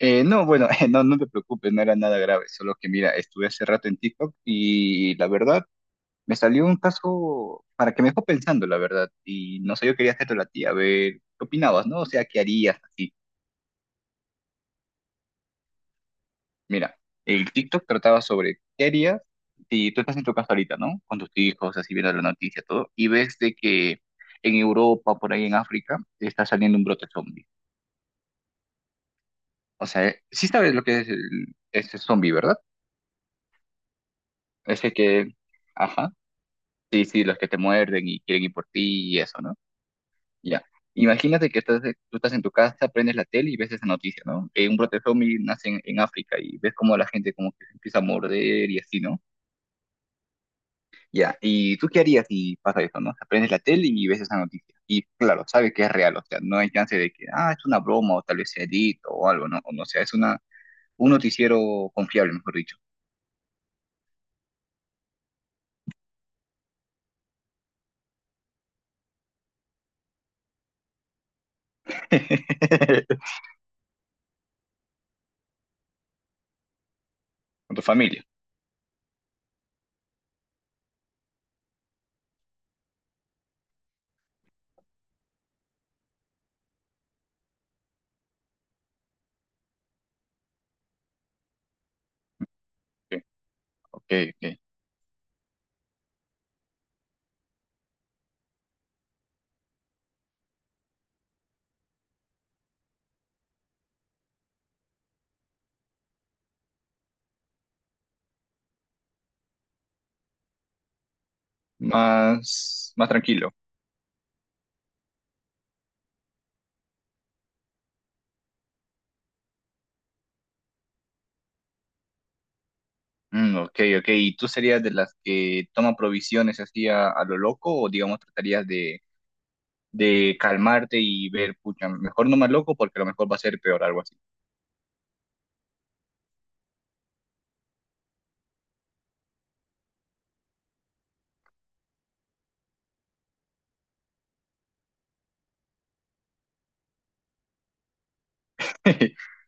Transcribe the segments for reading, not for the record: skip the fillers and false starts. No, bueno, no te preocupes, no era nada grave, solo que mira, estuve hace rato en TikTok y la verdad me salió un caso para que me dejó pensando, la verdad, y no sé, yo quería hacerte la tía, a ver, ¿qué opinabas, no? O sea, ¿qué harías así? Mira, el TikTok trataba sobre qué harías si tú estás en tu casa ahorita, ¿no? Con tus hijos, así viendo la noticia, todo, y ves de que en Europa, por ahí en África, está saliendo un brote zombie. O sea, sí sabes lo que es el, ese zombie, ¿verdad? Ese que, ajá. Sí, sí, los que te muerden y quieren ir por ti y eso, ¿no? Ya. Imagínate que estás, Tú estás en tu casa, prendes la tele y ves esa noticia, ¿no? Que un brote zombie nace en África y ves como la gente como que se empieza a morder y así, ¿no? Ya. ¿Y tú qué harías si pasa eso, no? O sea, prendes la tele y ves esa noticia. Y claro, sabes que es real, o sea, no hay chance de que, ah, es una broma o tal vez sea edito o algo, ¿no? O no, o sea, un noticiero confiable, mejor dicho. Con tu familia. Ok, ok. Ok. Más, más tranquilo. Ok, ok. ¿Y tú serías de las que toma provisiones así a lo loco o digamos tratarías de calmarte y ver, pucha, mejor no más loco porque a lo mejor va a ser peor, algo así?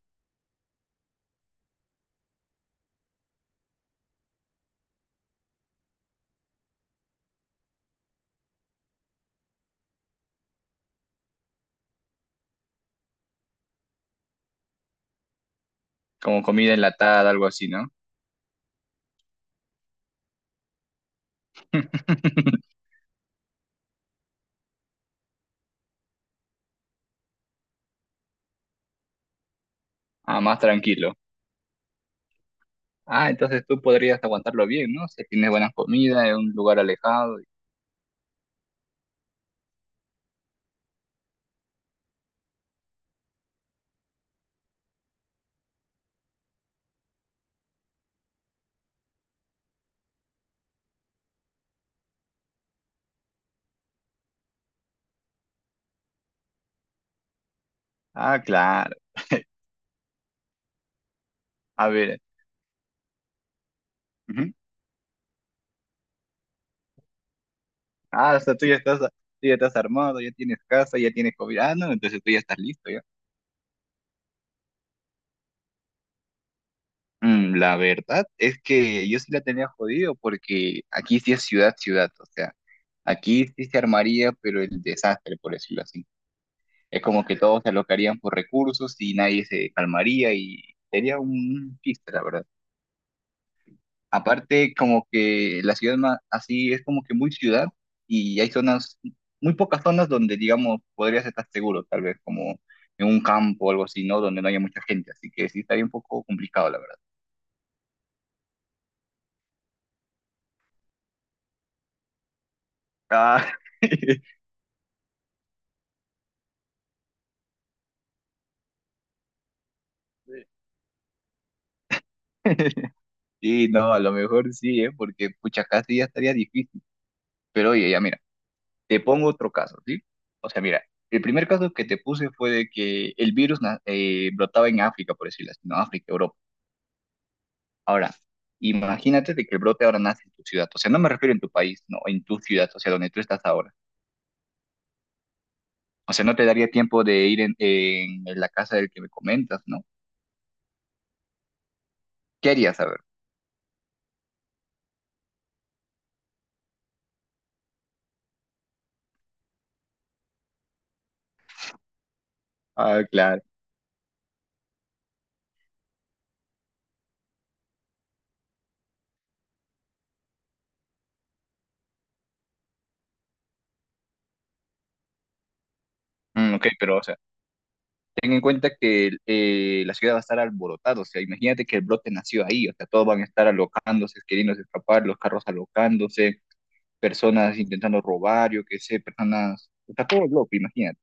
Como comida enlatada, algo así, ¿no? Ah, más tranquilo. Ah, entonces tú podrías aguantarlo bien, ¿no? Si tienes buena comida en un lugar alejado. Ah, claro. A ver. Ujú. Ah, o sea, tú ya estás armado, ya tienes casa, ya tienes comida. Ah, no, entonces tú ya estás listo. La verdad es que yo sí la tenía jodido porque aquí sí es ciudad, ciudad, o sea, aquí sí se armaría, pero el desastre, por decirlo así. Es como que todos se alocarían por recursos y nadie se calmaría y sería un chiste, la verdad. Aparte, como que así es como que muy ciudad y hay zonas, muy pocas zonas donde, digamos, podrías estar seguro, tal vez como en un campo o algo así, ¿no? Donde no haya mucha gente, así que sí estaría un poco complicado, la verdad. Ah. Sí, no, a lo mejor sí, ¿eh? Porque pucha, casi ya estaría difícil. Pero oye, ya mira, te pongo otro caso, ¿sí? O sea, mira, el primer caso que te puse fue de que el brotaba en África, por decirlo así, ¿no? África, Europa. Ahora, imagínate de que el brote ahora nace en tu ciudad. O sea, no me refiero en tu país, no, en tu ciudad, o sea, donde tú estás ahora. O sea, no te daría tiempo de ir en la casa del que me comentas, ¿no? ¿Qué harías? A ver. Ah, claro. Ok, pero, o sea, ten en cuenta que la ciudad va a estar alborotada, o sea, imagínate que el brote nació ahí, o sea, todos van a estar alocándose, queriendo escapar, los carros alocándose, personas intentando robar, yo qué sé, personas, o sea, todo el bloque, imagínate,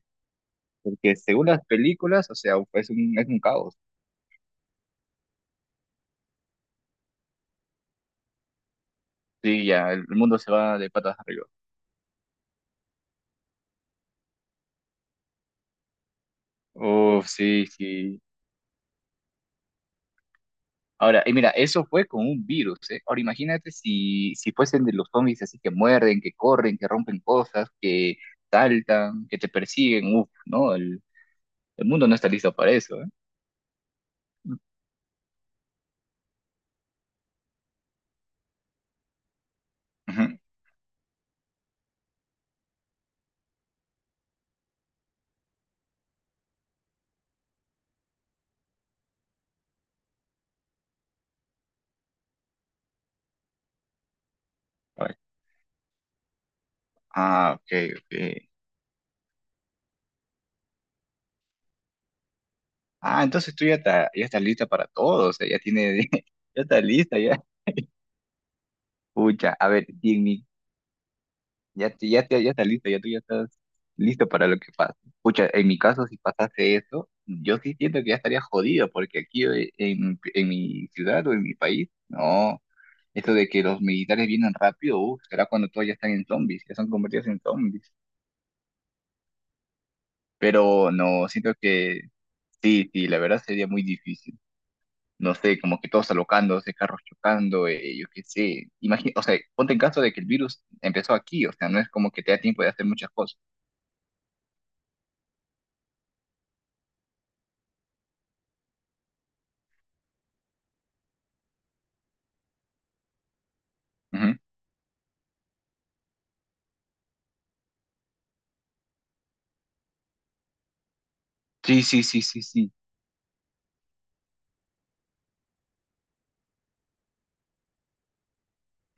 porque según las películas, o sea, es un caos, sí, ya, el mundo se va de patas arriba. Uf, sí, sí. Ahora, y mira, eso fue con un virus, ¿eh? Ahora imagínate si fuesen de los zombies así que muerden, que corren, que rompen cosas, que saltan, que te persiguen, uff, ¿no? El mundo no está listo para eso, ¿eh? Ujú. Ay, ah, ok, ok. Ah, entonces ya estás lista para todo, o sea, ya tienes, ya estás lista, ya. Pucha, a ver, y en mi, ya estás lista, ya tú estás listo para lo que pasa. Pucha, en mi caso, si pasase eso, yo sí siento que ya estaría jodido, porque aquí en mi ciudad o en mi país, no, eso de que los militares vienen rápido, uf, será cuando todos ya están en zombies, ya son convertidos en zombies. Pero no, siento que sí, sí, la verdad sería muy difícil. No sé, como que todos alocándose, carros chocando, yo qué sé. Imagina, o sea, ponte en caso de que el virus empezó aquí, o sea, no es como que te da tiempo de hacer muchas cosas. Ujú. Sí, sí, sí, sí, sí.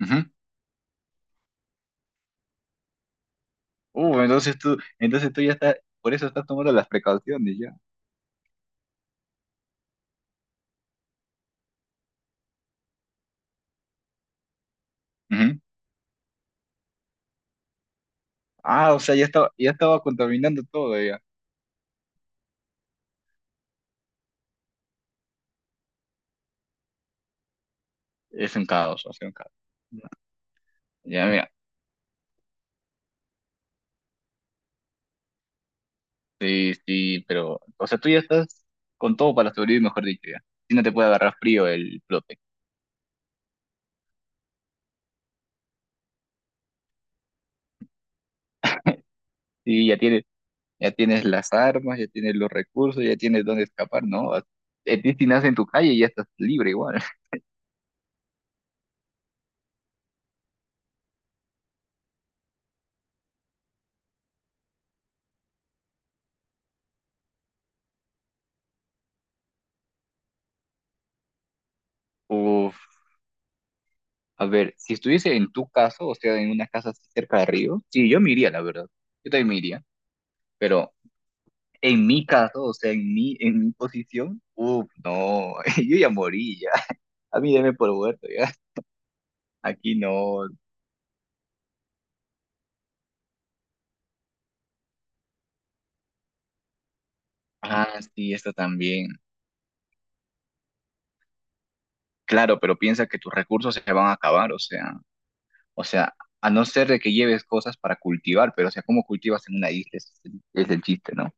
Ujú. Entonces tú ya estás, por eso estás tomando las precauciones ya. Ujú. Ah, o sea, ya estaba contaminando todo ya. Es un caos, o sea, un caos. Ya, ya, mira. Sí, sí, pero, o sea, tú ya estás con todo para sobrevivir, mejor dicho, ya. Si no te puede agarrar frío el flote. Sí, ya tienes, ya tienes las armas, ya tienes los recursos, ya tienes dónde escapar, ¿no? A- a ti si nace en tu calle ya estás libre igual. Uf, a ver, si estuviese en tu caso, o sea, en una casa así cerca de río, sí, yo me iría, la verdad. Yo también me iría, pero en mi caso, o sea, en mi posición, uf, no, yo ya morí, ya. A mí deme por muerto, ya. Aquí no. Ah, sí, esta también. Claro, pero piensa que tus recursos se van a acabar, o sea. O sea, a no ser de que lleves cosas para cultivar, pero o sea, ¿cómo cultivas en una isla? Es el chiste, ¿no?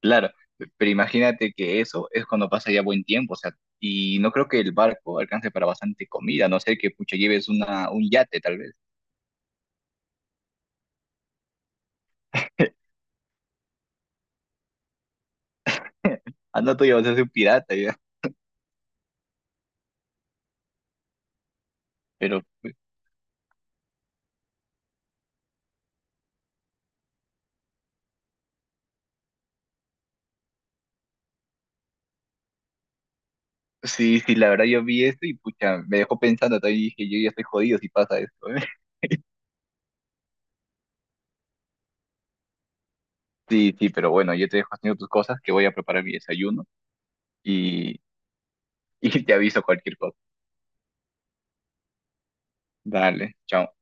Claro, pero imagínate que eso es cuando pasa ya buen tiempo, o sea, y no creo que el barco alcance para bastante comida, a no ser que pucha lleves un yate tal vez. Anda tú ya vas a ser un pirata ya. Pero pues, sí, sí, la verdad yo vi esto y pucha, me dejó pensando, todavía dije, yo ya estoy jodido si pasa esto, ¿eh? Sí, sí, pero bueno, yo te dejo haciendo tus cosas, que voy a preparar mi desayuno y, y te aviso cualquier cosa. Dale, chao.